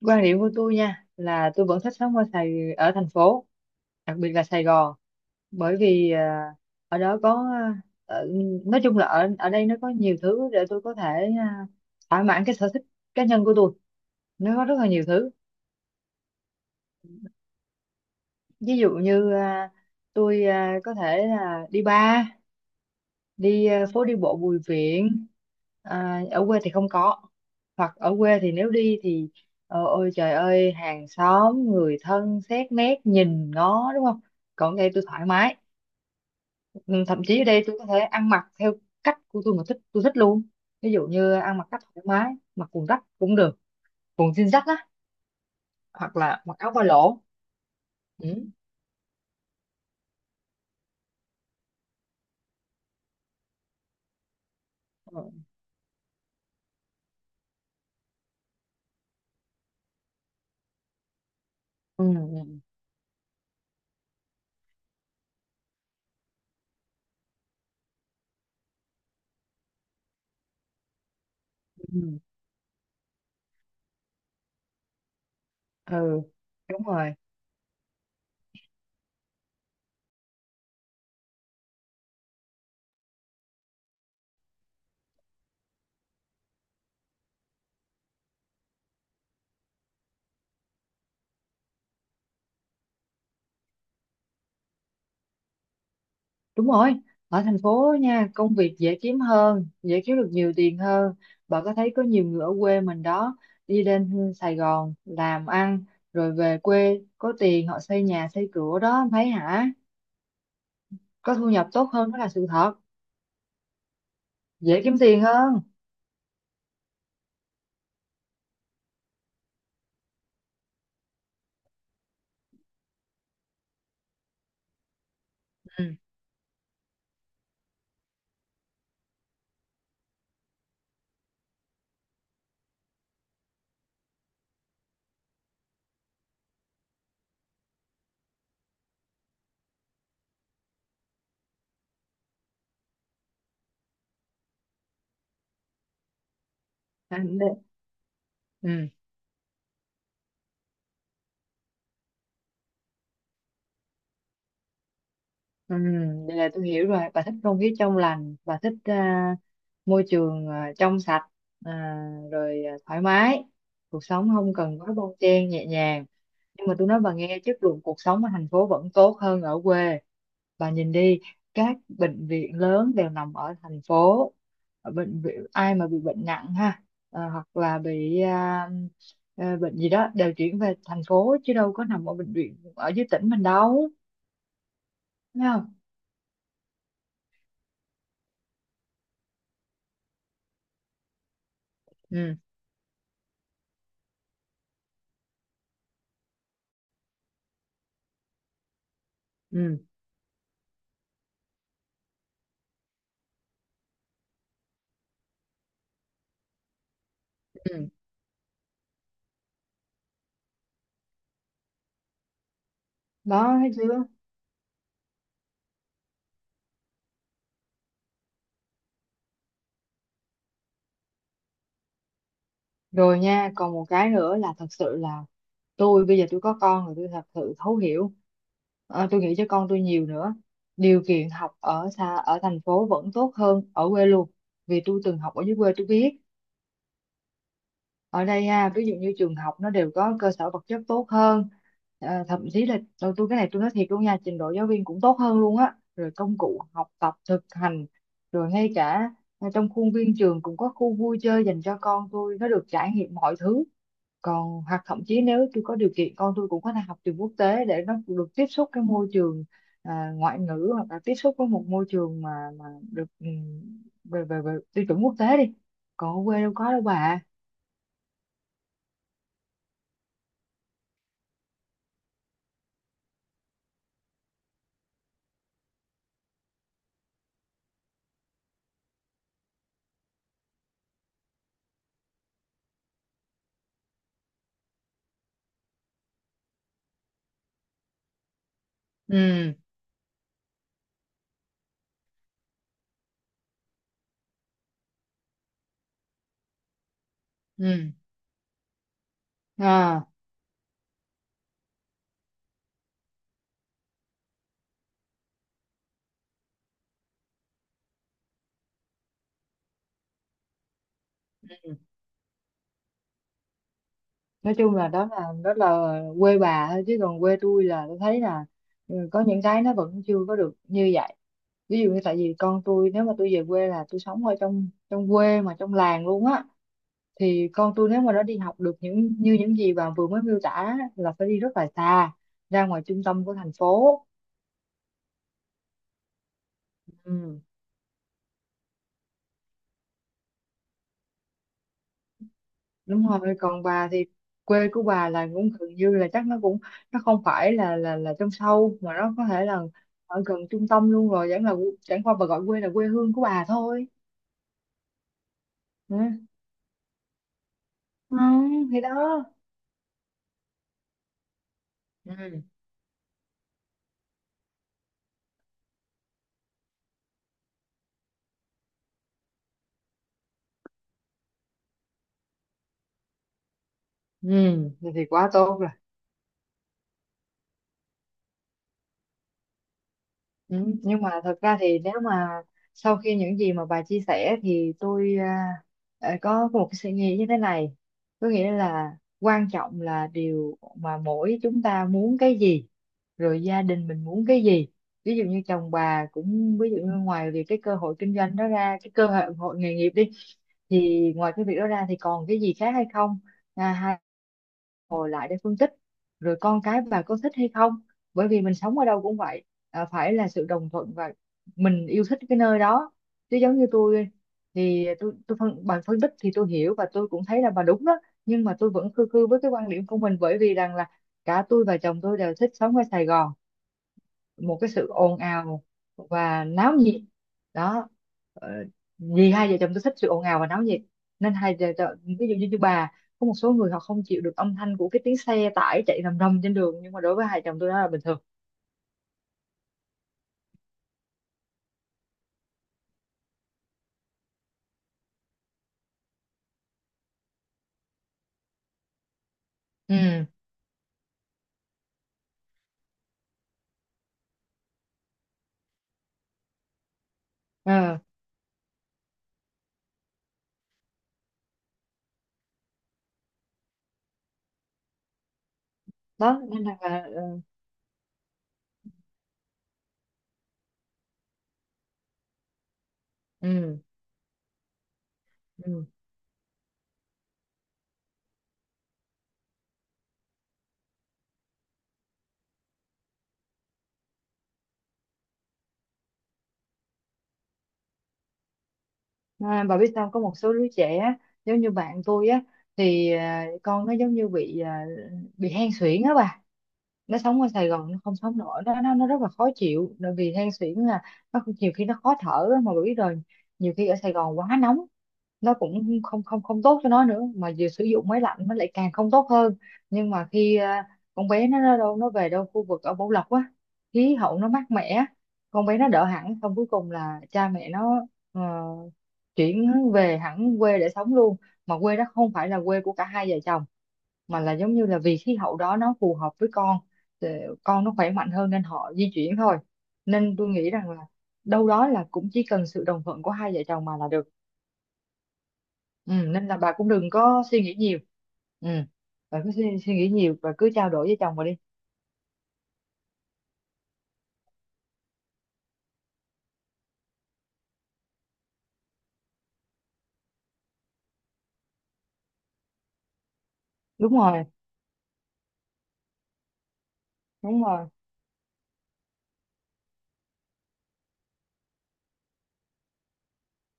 Quan điểm của tôi nha là tôi vẫn thích sống ở Sài ở thành phố, đặc biệt là Sài Gòn, bởi vì ở đó có ở, nói chung là ở ở đây nó có nhiều thứ để tôi có thể à, thỏa mãn cái sở thích cá nhân của tôi, nó có rất là nhiều thứ. Ví dụ như tôi có thể là đi bar, đi phố đi bộ Bùi Viện, à, ở quê thì không có. Hoặc ở quê thì nếu đi thì ôi trời ơi hàng xóm người thân xét nét nhìn ngó đúng không, còn ở đây tôi thoải mái. Ừ, thậm chí ở đây tôi có thể ăn mặc theo cách của tôi, mà thích tôi thích luôn. Ví dụ như ăn mặc cách thoải mái, mặc quần rách cũng được, quần jean rách á, hoặc là mặc áo ba lỗ. Ừ. Ừ. Ừ. Ừ. Ừ, đúng rồi. Đúng rồi, ở thành phố nha, công việc dễ kiếm hơn, dễ kiếm được nhiều tiền hơn. Bà có thấy có nhiều người ở quê mình đó, đi lên Sài Gòn làm ăn, rồi về quê có tiền họ xây nhà xây cửa đó, em thấy hả? Có thu nhập tốt hơn đó là sự thật, dễ kiếm tiền hơn. Ừ, anh- ừ, ừ, vậy là tôi hiểu rồi, bà thích không khí trong lành, bà thích môi trường trong sạch, à, thoải mái, cuộc sống không cần quá bon chen, nhẹ nhàng. Nhưng mà tôi nói bà nghe, chất lượng cuộc sống ở thành phố vẫn tốt hơn ở quê. Bà nhìn đi, các bệnh viện lớn đều nằm ở thành phố. Ở bệnh viện ai mà bị bệnh nặng ha, hoặc là bị bệnh gì đó đều chuyển về thành phố chứ đâu có nằm ở bệnh viện ở dưới tỉnh mình đâu. Thấy không? Ừ. Ừ. Ừ. Đó, thấy chưa? Rồi nha, còn một cái nữa là thật sự là tôi bây giờ tôi có con rồi, tôi thật sự thấu hiểu. Ờ, tôi nghĩ cho con tôi nhiều nữa, điều kiện học ở xa ở thành phố vẫn tốt hơn ở quê luôn, vì tôi từng học ở dưới quê tôi biết. Ở đây ha, ví dụ như trường học nó đều có cơ sở vật chất tốt hơn. Ờ, thậm chí là tôi cái này tôi nói thiệt luôn nha, trình độ giáo viên cũng tốt hơn luôn á, rồi công cụ học tập thực hành, rồi ngay cả trong khuôn viên trường cũng có khu vui chơi dành cho con tôi, nó được trải nghiệm mọi thứ. Còn hoặc thậm chí nếu tôi có điều kiện, con tôi cũng có thể học trường quốc tế để nó được tiếp xúc cái môi trường ngoại ngữ, hoặc là tiếp xúc với một môi trường mà mà được về về về tiêu chuẩn quốc tế đi. Còn ở quê đâu có đâu bà. Ừ. Ừ. À, nói chung là đó là quê bà thôi, chứ còn quê tôi là tôi thấy là ừ, có những cái nó vẫn chưa có được như vậy. Ví dụ như tại vì con tôi, nếu mà tôi về quê là tôi sống ở trong trong quê mà trong làng luôn á, thì con tôi nếu mà nó đi học được những như những gì bà vừa mới miêu tả á, là phải đi rất là xa, ra ngoài trung tâm của thành phố. Ừ, đúng rồi, còn bà thì quê của bà là cũng gần như là chắc nó cũng nó không phải là trong sâu, mà nó có thể là ở gần trung tâm luôn rồi, chẳng là chẳng qua bà gọi quê là quê hương của bà thôi. Ừ. Ừ, thì đó. Ừ. Ừ. Thì quá tốt rồi. Ừ, nhưng mà thật ra thì nếu mà sau khi những gì mà bà chia sẻ thì tôi có một cái suy nghĩ như thế này, có nghĩa là quan trọng là điều mà mỗi chúng ta muốn cái gì, rồi gia đình mình muốn cái gì. Ví dụ như chồng bà cũng ví dụ như ngoài việc cái cơ hội kinh doanh đó ra, cái cơ hội hội nghề nghiệp đi, thì ngoài cái việc đó ra thì còn cái gì khác hay không. À, ngồi lại để phân tích, rồi con cái bà có thích hay không. Bởi vì mình sống ở đâu cũng vậy, à, phải là sự đồng thuận và mình yêu thích cái nơi đó. Chứ giống như tôi thì tôi phân bà phân tích thì tôi hiểu, và tôi cũng thấy là bà đúng đó, nhưng mà tôi vẫn khư khư với cái quan điểm của mình, bởi vì rằng là cả tôi và chồng tôi đều thích sống ở Sài Gòn, một cái sự ồn ào và náo nhiệt. Đó, ờ, vì hai vợ chồng tôi thích sự ồn ào và náo nhiệt, nên hai vợ chồng ví dụ như, như bà, có một số người họ không chịu được âm thanh của cái tiếng xe tải chạy rầm rầm trên đường, nhưng mà đối với hai chồng tôi đó là bình thường. Ừ. Ờ, đó nên là ừ, ừ. À, bà biết sao có một số đứa trẻ á, giống như bạn tôi á, thì à, con nó giống như bị à, bị hen suyễn á bà, nó sống ở Sài Gòn nó không sống nổi, nó rất là khó chịu, bởi vì than suyễn là nhiều khi nó khó thở á, mà bà biết rồi. Nhiều khi ở Sài Gòn quá nóng nó cũng không không không tốt cho nó nữa, mà vừa sử dụng máy lạnh nó lại càng không tốt hơn. Nhưng mà khi à, con bé nó về đâu khu vực ở Bảo Lộc á, khí hậu nó mát mẻ, con bé nó đỡ hẳn, xong cuối cùng là cha mẹ nó ờ, chuyển về hẳn quê để sống luôn. Mà quê đó không phải là quê của cả hai vợ chồng, mà là giống như là vì khí hậu đó nó phù hợp với con, thì con nó khỏe mạnh hơn nên họ di chuyển thôi. Nên tôi nghĩ rằng là đâu đó là cũng chỉ cần sự đồng thuận của hai vợ chồng mà là được. Ừ, nên là bà cũng đừng có suy nghĩ nhiều. Ừ, bà cứ suy nghĩ nhiều và cứ trao đổi với chồng bà đi. Đúng rồi. Đúng rồi.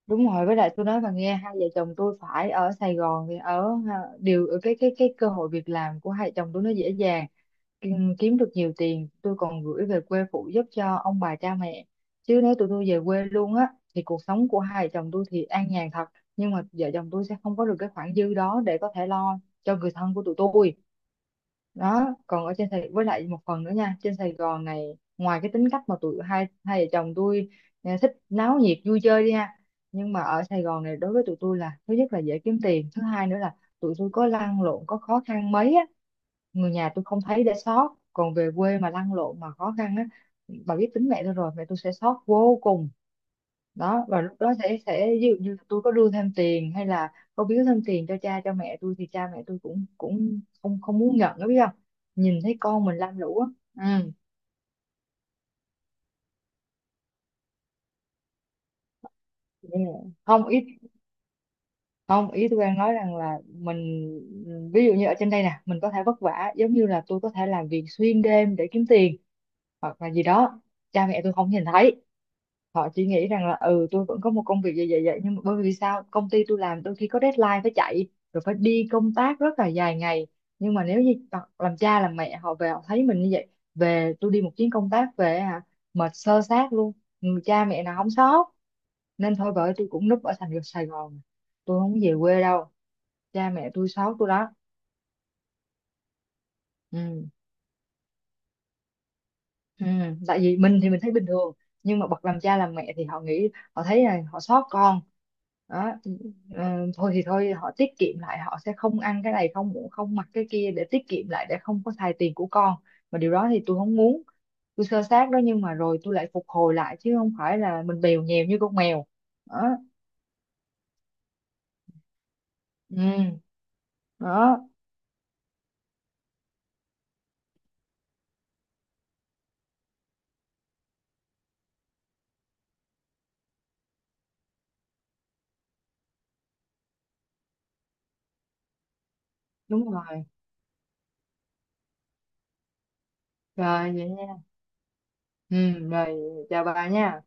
Đúng rồi, với lại tôi nói bà nghe, hai vợ chồng tôi phải ở Sài Gòn thì ở ha, ở cái cơ hội việc làm của hai vợ chồng tôi nó dễ dàng. Ừ, kiếm được nhiều tiền, tôi còn gửi về quê phụ giúp cho ông bà cha mẹ. Chứ nếu tụi tôi về quê luôn á thì cuộc sống của hai vợ chồng tôi thì an nhàn thật, nhưng mà vợ chồng tôi sẽ không có được cái khoản dư đó để có thể lo cho người thân của tụi tôi. Đó, còn ở trên Sài, với lại một phần nữa nha, trên Sài Gòn này ngoài cái tính cách mà tụi hai hai vợ chồng tôi thích náo nhiệt vui chơi đi ha, nhưng mà ở Sài Gòn này đối với tụi tôi là thứ nhất là dễ kiếm tiền, thứ hai nữa là tụi tôi có lăn lộn có khó khăn mấy á, người nhà tôi không thấy để sót. Còn về quê mà lăn lộn mà khó khăn á, bà biết tính mẹ tôi rồi, mẹ tôi sẽ sót vô cùng. Đó, và lúc đó sẽ ví dụ như là tôi có đưa thêm tiền, hay là có biếu thêm tiền cho cha cho mẹ tôi, thì cha mẹ tôi cũng cũng không không muốn nhận đó, biết không? Nhìn thấy con mình lam lũ á. Ừ. Yeah. Không ít, không, ý tôi đang nói rằng là mình ví dụ như ở trên đây nè mình có thể vất vả, giống như là tôi có thể làm việc xuyên đêm để kiếm tiền hoặc là gì đó, cha mẹ tôi không nhìn thấy. Họ chỉ nghĩ rằng là ừ tôi vẫn có một công việc vậy vậy vậy, nhưng mà bởi vì sao công ty tôi làm đôi khi có deadline phải chạy, rồi phải đi công tác rất là dài ngày. Nhưng mà nếu như làm cha làm mẹ họ về họ thấy mình như vậy, về tôi đi một chuyến công tác về hả, mệt sơ sát luôn. Ừ, cha mẹ nào không sót? Nên thôi bởi tôi cũng núp ở thành phố Sài Gòn, tôi không có về quê đâu, cha mẹ tôi sót tôi đó. Ừ. Ừ, tại vì mình thì mình thấy bình thường, nhưng mà bậc làm cha làm mẹ thì họ nghĩ, họ thấy là họ xót con. Đó, ừ, thôi thì thôi họ tiết kiệm lại, họ sẽ không ăn cái này không không mặc cái kia, để tiết kiệm lại để không có xài tiền của con, mà điều đó thì tôi không muốn. Tôi sơ sát đó nhưng mà rồi tôi lại phục hồi lại, chứ không phải là mình bèo nhèo như con mèo. Đó. Ừ, đó. Đúng rồi. Rồi vậy nha. Ừ, rồi. Chào bà nha.